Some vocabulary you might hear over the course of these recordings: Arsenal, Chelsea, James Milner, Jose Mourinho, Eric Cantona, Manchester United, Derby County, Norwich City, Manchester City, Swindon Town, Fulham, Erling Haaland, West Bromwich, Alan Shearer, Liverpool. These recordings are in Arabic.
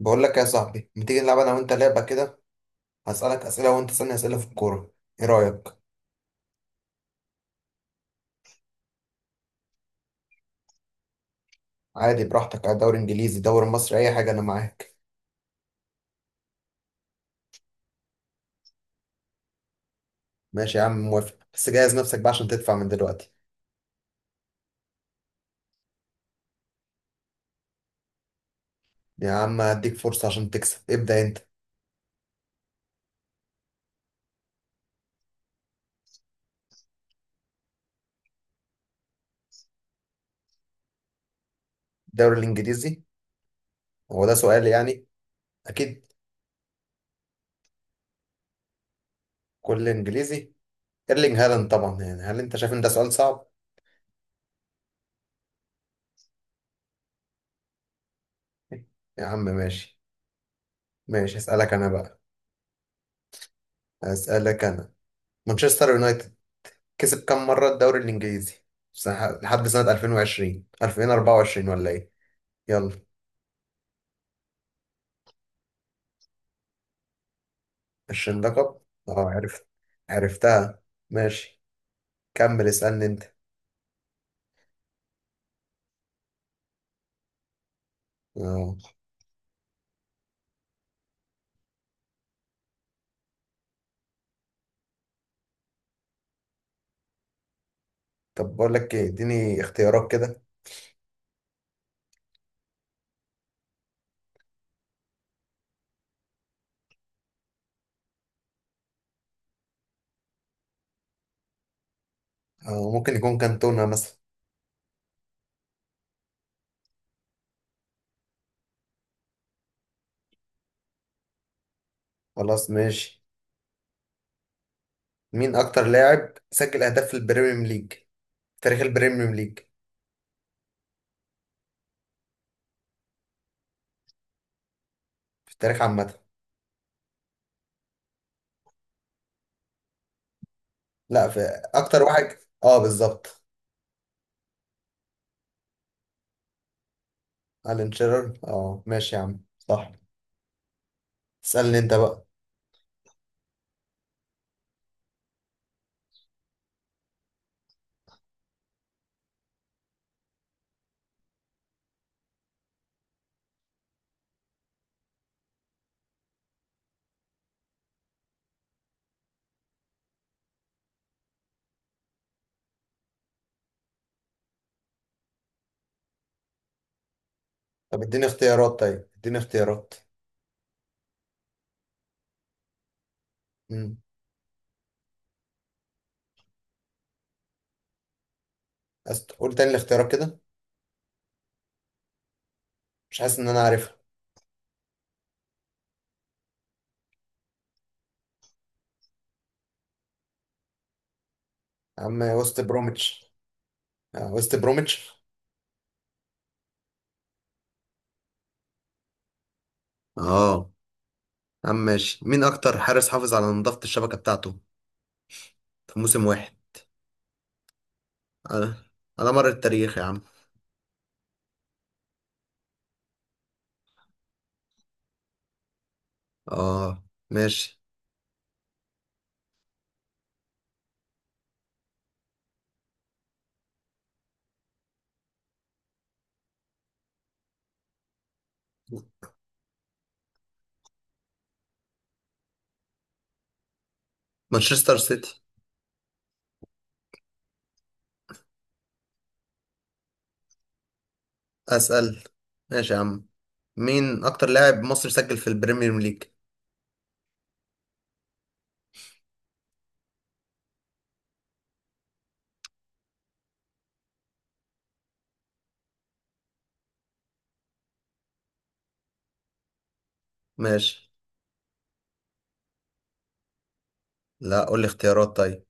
بقول لك يا صاحبي، ما تيجي نلعب انا وانت لعبه كده؟ هسالك اسئله وانت تسالني اسئله في الكوره، ايه رايك؟ عادي، براحتك، على دوري انجليزي دوري مصري اي حاجه، انا معاك. ماشي يا عم موافق، بس جهز نفسك بقى عشان تدفع من دلوقتي. يا عم هديك فرصه عشان تكسب، ابدا انت. الدوري الانجليزي؟ هو ده سؤال يعني؟ اكيد. كل انجليزي. ايرلينج هالاند طبعا، يعني هل انت شايف ان ده سؤال صعب؟ يا عم ماشي. ماشي اسالك انا بقى، اسالك انا. مانشستر يونايتد كسب كام مرة الدوري الإنجليزي؟ لحد سنة 2020 2024 ولا إيه؟ يلا. 20 لقب؟ أه عرفت، عرفتها. ماشي كمل اسألني أنت. أه. طب بقول لك إيه، إديني اختيارات كده. أه ممكن يكون كانتونا مثلا. خلاص ماشي. مين أكتر لاعب سجل أهداف في البريمير ليج في تاريخ البريمير ليج؟ في التاريخ عامة. لا، في. أكتر واحد. أه بالظبط. ألان شيرر، أه ماشي يا عم صح. اسألني أنت بقى. طب اديني اختيارات طيب، اديني اختيارات. امم. قول تاني الاختيارات كده. مش حاسس ان انا عارفها. يا عم، وست بروميتش. آه، وست بروميتش. اه يا عم ماشي. مين اكتر حارس حافظ على نظافة الشبكة بتاعته في موسم واحد؟ على على مر التاريخ يا عم. اه ماشي. مانشستر سيتي. اسأل. ماشي يا عم، مين اكتر لاعب مصري سجل في البريمير ليج؟ ماشي، لا قول لي اختيارات طيب.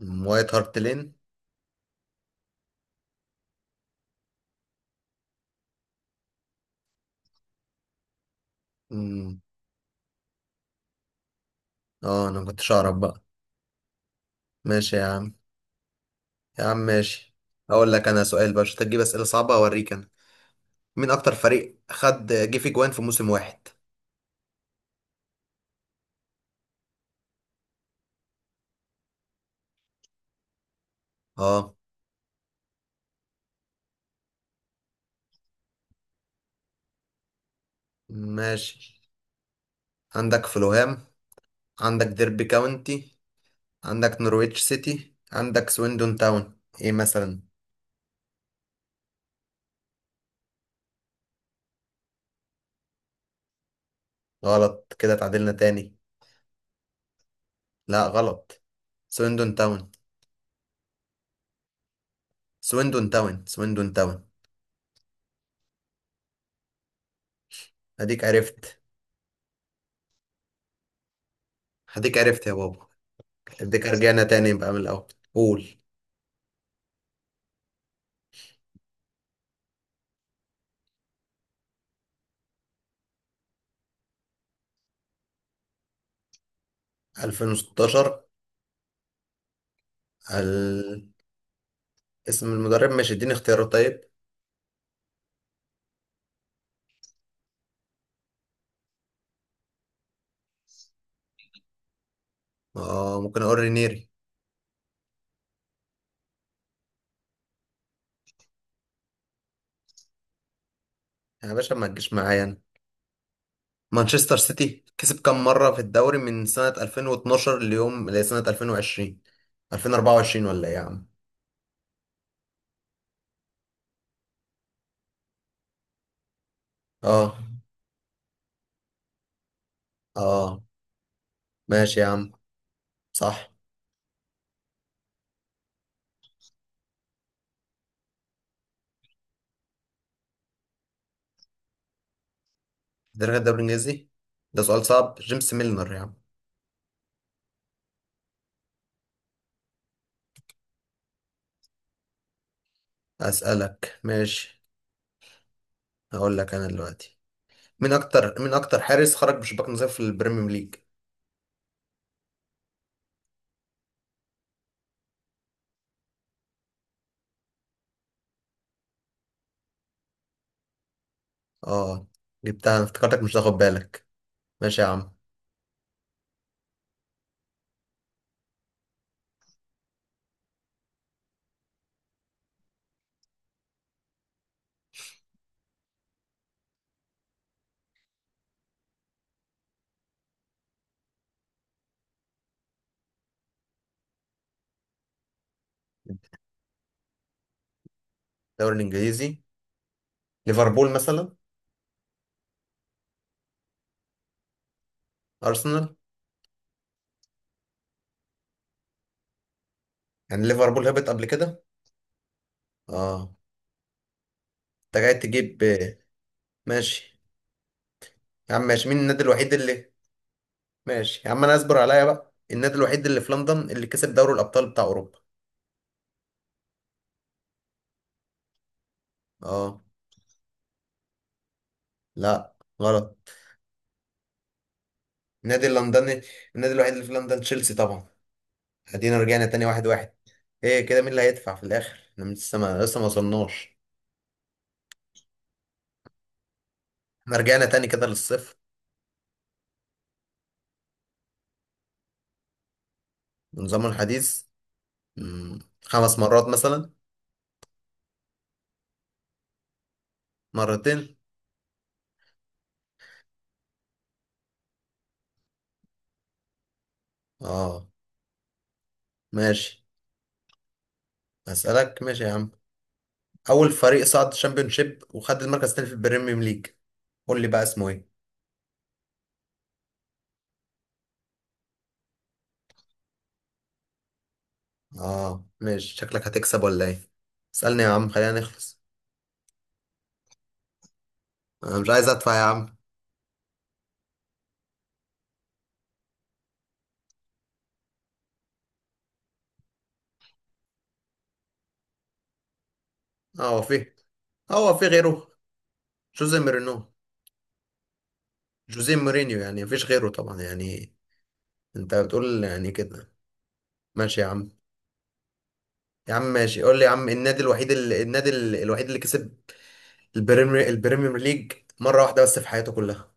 مم، وايت هارت لين. مم. اه انا ما كنتش اعرف بقى. ماشي يا عم. يا عم ماشي، هقول لك انا سؤال بقى عشان تجيب اسئله صعبه اوريك انا. مين اكتر فريق خد جه في جوان في موسم واحد؟ اه ماشي. عندك فلوهام، عندك ديربي كاونتي، عندك نورويتش سيتي، عندك سويندون تاون، ايه مثلا. غلط كده، تعادلنا تاني. لا غلط، سويندون تاون. سويندون تاون سويندون تاون. هديك عرفت، هديك عرفت يا بابا. هديك رجعنا تاني يبقى من الاول. قول. 2016. ال... اسم المدرب، ماشي اديني اختيارات طيب. اه ممكن اقول رينيري. يا باشا ما تجيش معايا انا. مانشستر سيتي كسب كام مرة في الدوري من سنة 2012 ليوم لسنة 2020 2024 ولا ايه يا عم؟ اه. اه ماشي يا عم، صح. درجة الدوري الانجليزي. ده سؤال صعب، جيمس ميلنر يا عم. اسألك ماشي. هقول لك انا دلوقتي، مين اكتر حارس خرج بشباك نظيف في البريمير ليج؟ اه، جبتها انا، افتكرتك مش هتاخد بالك. ماشي يا عم. الدوري الانجليزي، ليفربول مثلا. ارسنال؟ يعني ليفربول هبط قبل كده؟ اه. انت جاي تجيب. ماشي. يا عم ماشي، مين النادي الوحيد اللي؟ ماشي يا عم، انا اصبر عليا بقى. النادي الوحيد اللي في لندن اللي كسب دوري الابطال بتاع اوروبا. اه. لا غلط. النادي اللندني. النادي الوحيد اللي في لندن تشيلسي طبعا. ادينا رجعنا تاني، واحد واحد. ايه كده، مين اللي هيدفع في الاخر؟ احنا لسه ما وصلناش. احنا رجعنا تاني كده للصفر. نظام الحديث. مم، خمس مرات مثلا. مرتين. اه ماشي. اسالك ماشي يا عم، اول فريق صعد شيب وخد المركز الثاني في البريميوم ليج، قول لي بقى اسمه ايه. اه ماشي، شكلك هتكسب ولا ايه؟ اسالني يا عم خلينا نخلص. انا مش عايز ادفع يا عم. اه هو في. هو في غيره. جوزيه مورينو. جوزيه مورينيو، يعني مفيش غيره طبعا يعني. انت بتقول يعني كده. ماشي يا عم. يا عم ماشي، قول لي يا عم، النادي الوحيد اللي الوحيد اللي كسب البريميوم ليج مره واحده بس في حياته كلها.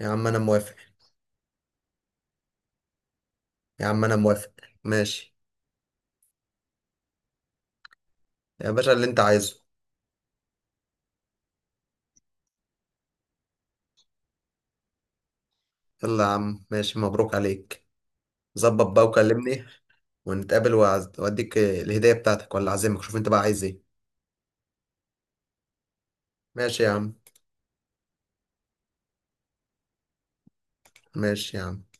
يا عم انا موافق. يا عم انا موافق. ماشي. يا باشا اللي انت عايزه. يلا يا عم ماشي، مبروك عليك. ظبط بقى وكلمني، ونتقابل وأديك الهدية بتاعتك ولا أعزمك، شوف أنت بقى عايز إيه. ماشي يا عم. ماشي يا عم.